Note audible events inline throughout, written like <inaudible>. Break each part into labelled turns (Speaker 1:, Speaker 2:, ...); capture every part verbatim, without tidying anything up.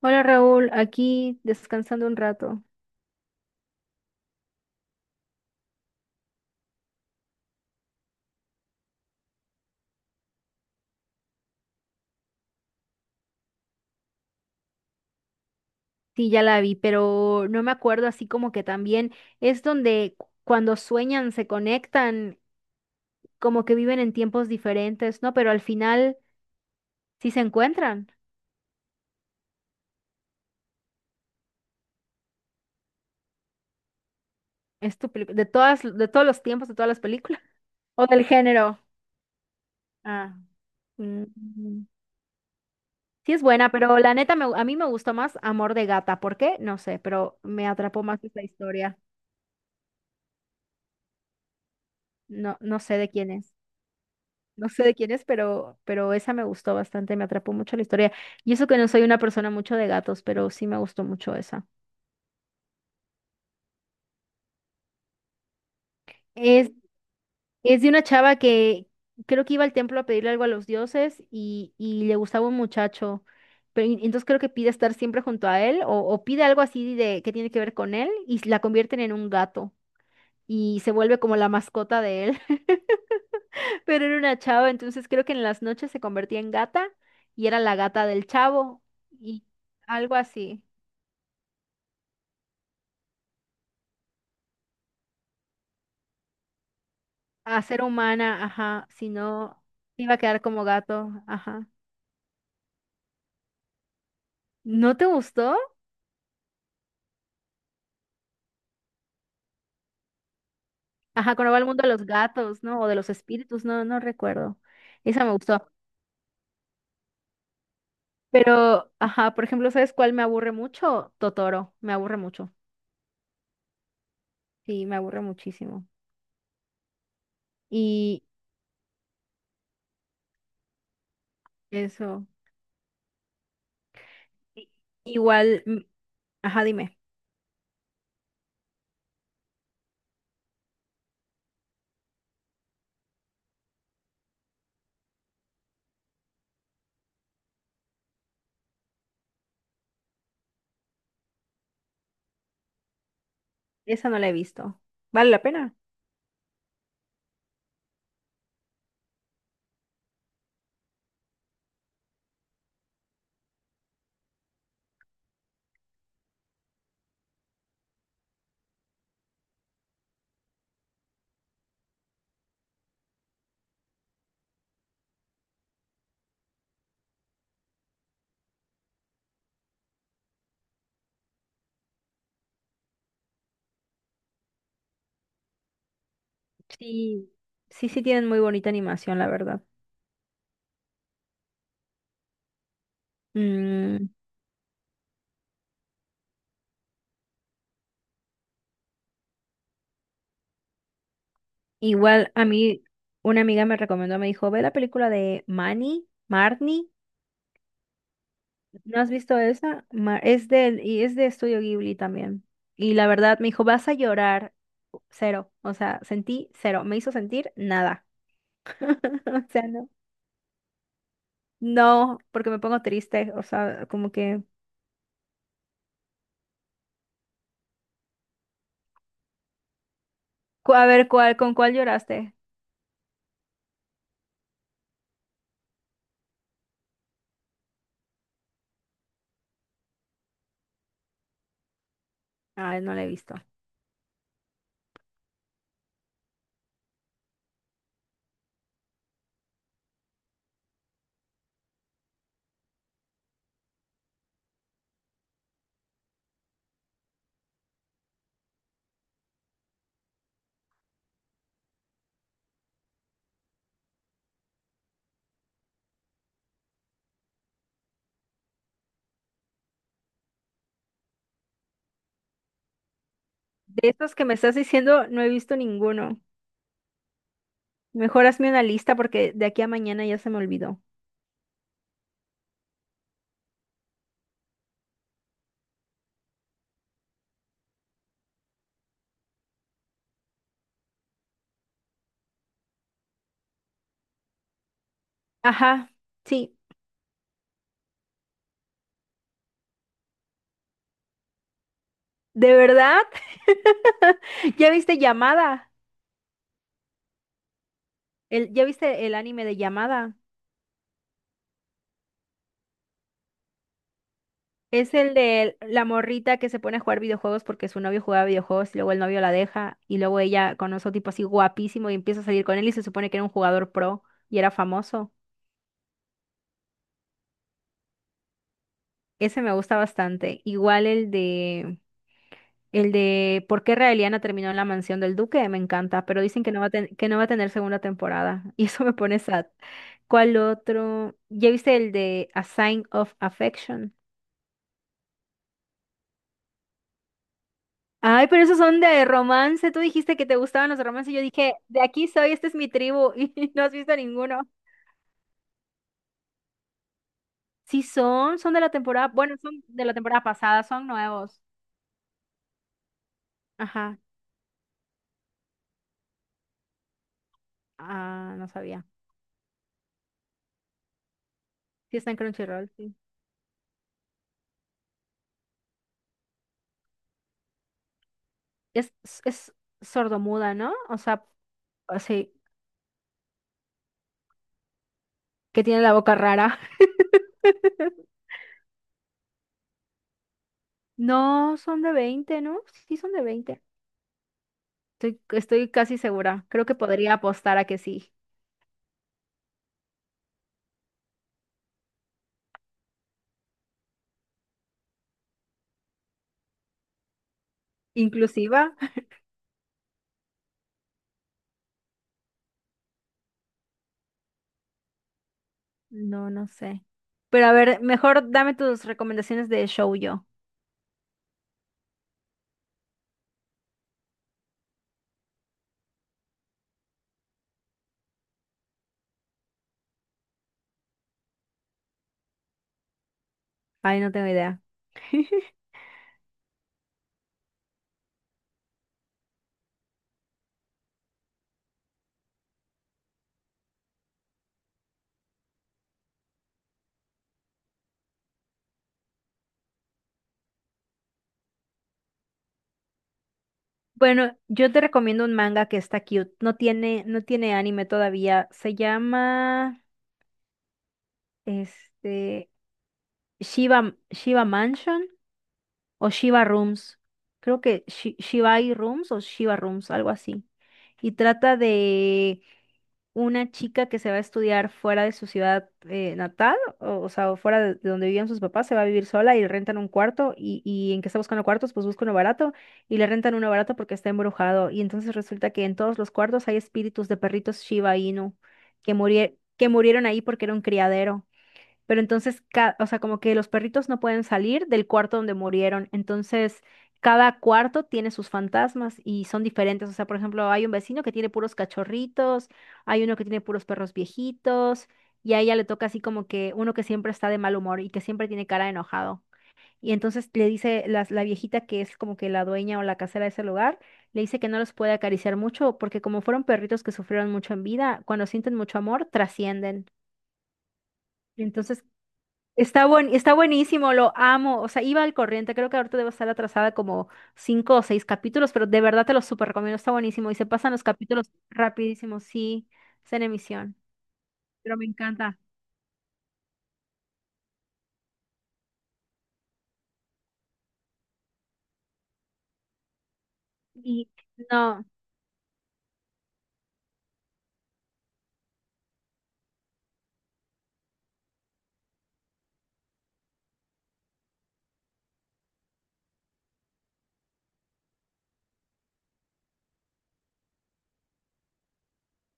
Speaker 1: Hola Raúl, aquí descansando un rato. Sí, ya la vi, pero no me acuerdo así como que también es donde cu- cuando sueñan se conectan, como que viven en tiempos diferentes, ¿no? Pero al final sí se encuentran. Es tu pelicu- de todas, de todos los tiempos, de todas las películas. <laughs> O del género. Ah. mm, mm. Sí es buena, pero la neta me gu- a mí me gustó más Amor de Gata. ¿Por qué? No sé, pero me atrapó más esa historia. No, no sé de quién es. No sé de quién es, pero, pero esa me gustó bastante, me atrapó mucho la historia. Y eso que no soy una persona mucho de gatos, pero sí me gustó mucho esa. Es, es de una chava que creo que iba al templo a pedirle algo a los dioses y, y le gustaba un muchacho. Pero y- entonces creo que pide estar siempre junto a él o, o pide algo así de que tiene que ver con él y la convierten en un gato y se vuelve como la mascota de él. <laughs> Pero era una chava, entonces creo que en las noches se convertía en gata y era la gata del chavo y algo así. A ser humana, ajá, si no, iba a quedar como gato, ajá. ¿No te gustó? Ajá, cuando va al mundo de los gatos, ¿no? O de los espíritus, no, no recuerdo. Esa me gustó. Pero, ajá, por ejemplo, ¿sabes cuál me aburre mucho? Totoro, me aburre mucho. Sí, me aburre muchísimo. Y eso. i- Igual, mm, ajá, dime, esa no la he visto. ¿Vale la pena? Sí, sí, sí tienen muy bonita animación, la verdad. Mm. Igual a mí una amiga me recomendó, me dijo, ve la película de Manny, Marnie, ¿no has visto esa? Ma- es del, y es de Estudio Ghibli también. Y la verdad me dijo, vas a llorar cero, o sea, sentí cero, me hizo sentir nada. <laughs> O sea, no. No, porque me pongo triste, o sea, como que, cu- a ver, ¿cuál, con cuál lloraste? Ay, no la he visto. De estos que me estás diciendo, no he visto ninguno. Mejor hazme una lista porque de aquí a mañana ya se me olvidó. Ajá, sí. ¿De verdad? <laughs> ¿Ya viste Llamada? El, ¿ya viste el anime de Llamada? Es el de la morrita que se pone a jugar videojuegos porque su novio jugaba videojuegos y luego el novio la deja y luego ella conoce a un tipo así guapísimo y empieza a salir con él y se supone que era un jugador pro y era famoso. Ese me gusta bastante. Igual el de... El de ¿Por qué Raeliana terminó en la mansión del duque? Me encanta, pero dicen que no va a, ten- que no va a tener segunda temporada. <laughs> Y eso me pone sad. ¿Cuál otro? ¿Ya viste el de A Sign of Affection? Ay, pero esos son de romance. Tú dijiste que te gustaban los romances. Yo dije, de aquí soy, esta es mi tribu. <laughs> Y no has visto ninguno. Sí son, son de la temporada, bueno, son de la temporada pasada, son nuevos. Ajá. Ah, no sabía. Sí está en Crunchyroll, sí. Es, es, es sordomuda, ¿no? O sea, que tiene la boca rara. <laughs> No, son de veinte, ¿no? Sí, son de veinte. Estoy, estoy casi segura. Creo que podría apostar a que sí. ¿Inclusiva? <laughs> No, no sé. Pero a ver, mejor dame tus recomendaciones de shoujo. Ay, no tengo idea. <laughs> Bueno, yo te recomiendo un manga que está cute. No tiene, no tiene anime todavía. Se llama, este, Shiba, Shiba Mansion. O Shiva Rooms. Creo que Shi- Shibai Rooms o Shiva Rooms, algo así. Y trata de una chica que se va a estudiar fuera de su ciudad eh, natal, o, o sea, o fuera de de donde vivían sus papás, se va a vivir sola y le rentan un cuarto y, y en que está buscando cuartos, pues busca uno barato y le rentan uno barato porque está embrujado. Y entonces resulta que en todos los cuartos hay espíritus de perritos Shiba Inu que murie- que murieron ahí porque era un criadero. Pero entonces, ca- o sea, como que los perritos no pueden salir del cuarto donde murieron. Entonces, cada cuarto tiene sus fantasmas y son diferentes. O sea, por ejemplo, hay un vecino que tiene puros cachorritos, hay uno que tiene puros perros viejitos, y a ella le toca así como que uno que siempre está de mal humor y que siempre tiene cara de enojado. Y entonces le dice la, la viejita que es como que la dueña o la casera de ese lugar, le dice que no los puede acariciar mucho porque como fueron perritos que sufrieron mucho en vida, cuando sienten mucho amor, trascienden. Y entonces está buen, está buenísimo, lo amo. O sea, iba al corriente. Creo que ahorita debo estar atrasada como cinco o seis capítulos, pero de verdad te lo súper recomiendo. Está buenísimo y se pasan los capítulos rapidísimo. Sí, está en emisión, pero me encanta. Y no,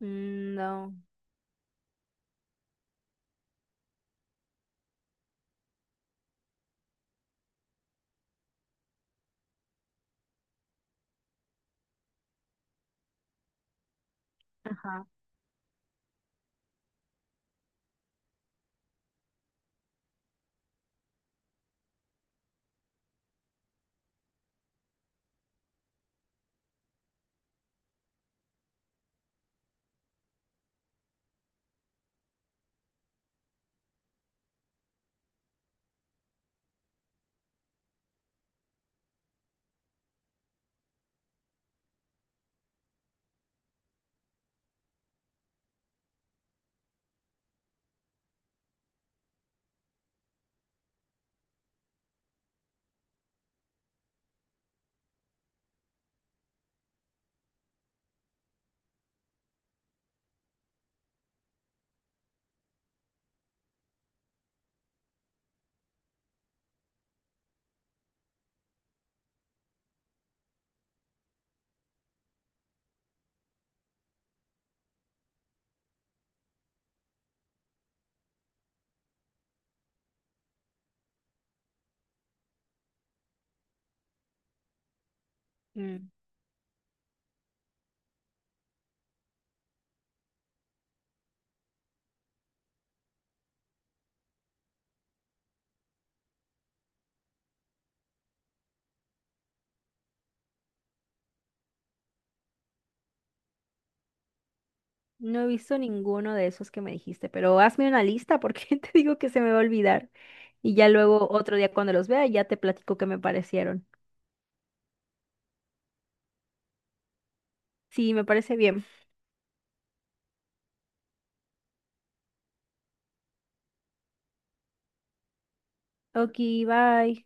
Speaker 1: mm, no, ajá, mm, no he visto ninguno de esos que me dijiste, pero hazme una lista porque <laughs> te digo que se me va a olvidar. Y ya luego otro día cuando los vea ya te platico qué me parecieron. Sí, me parece bien. Ok, bye.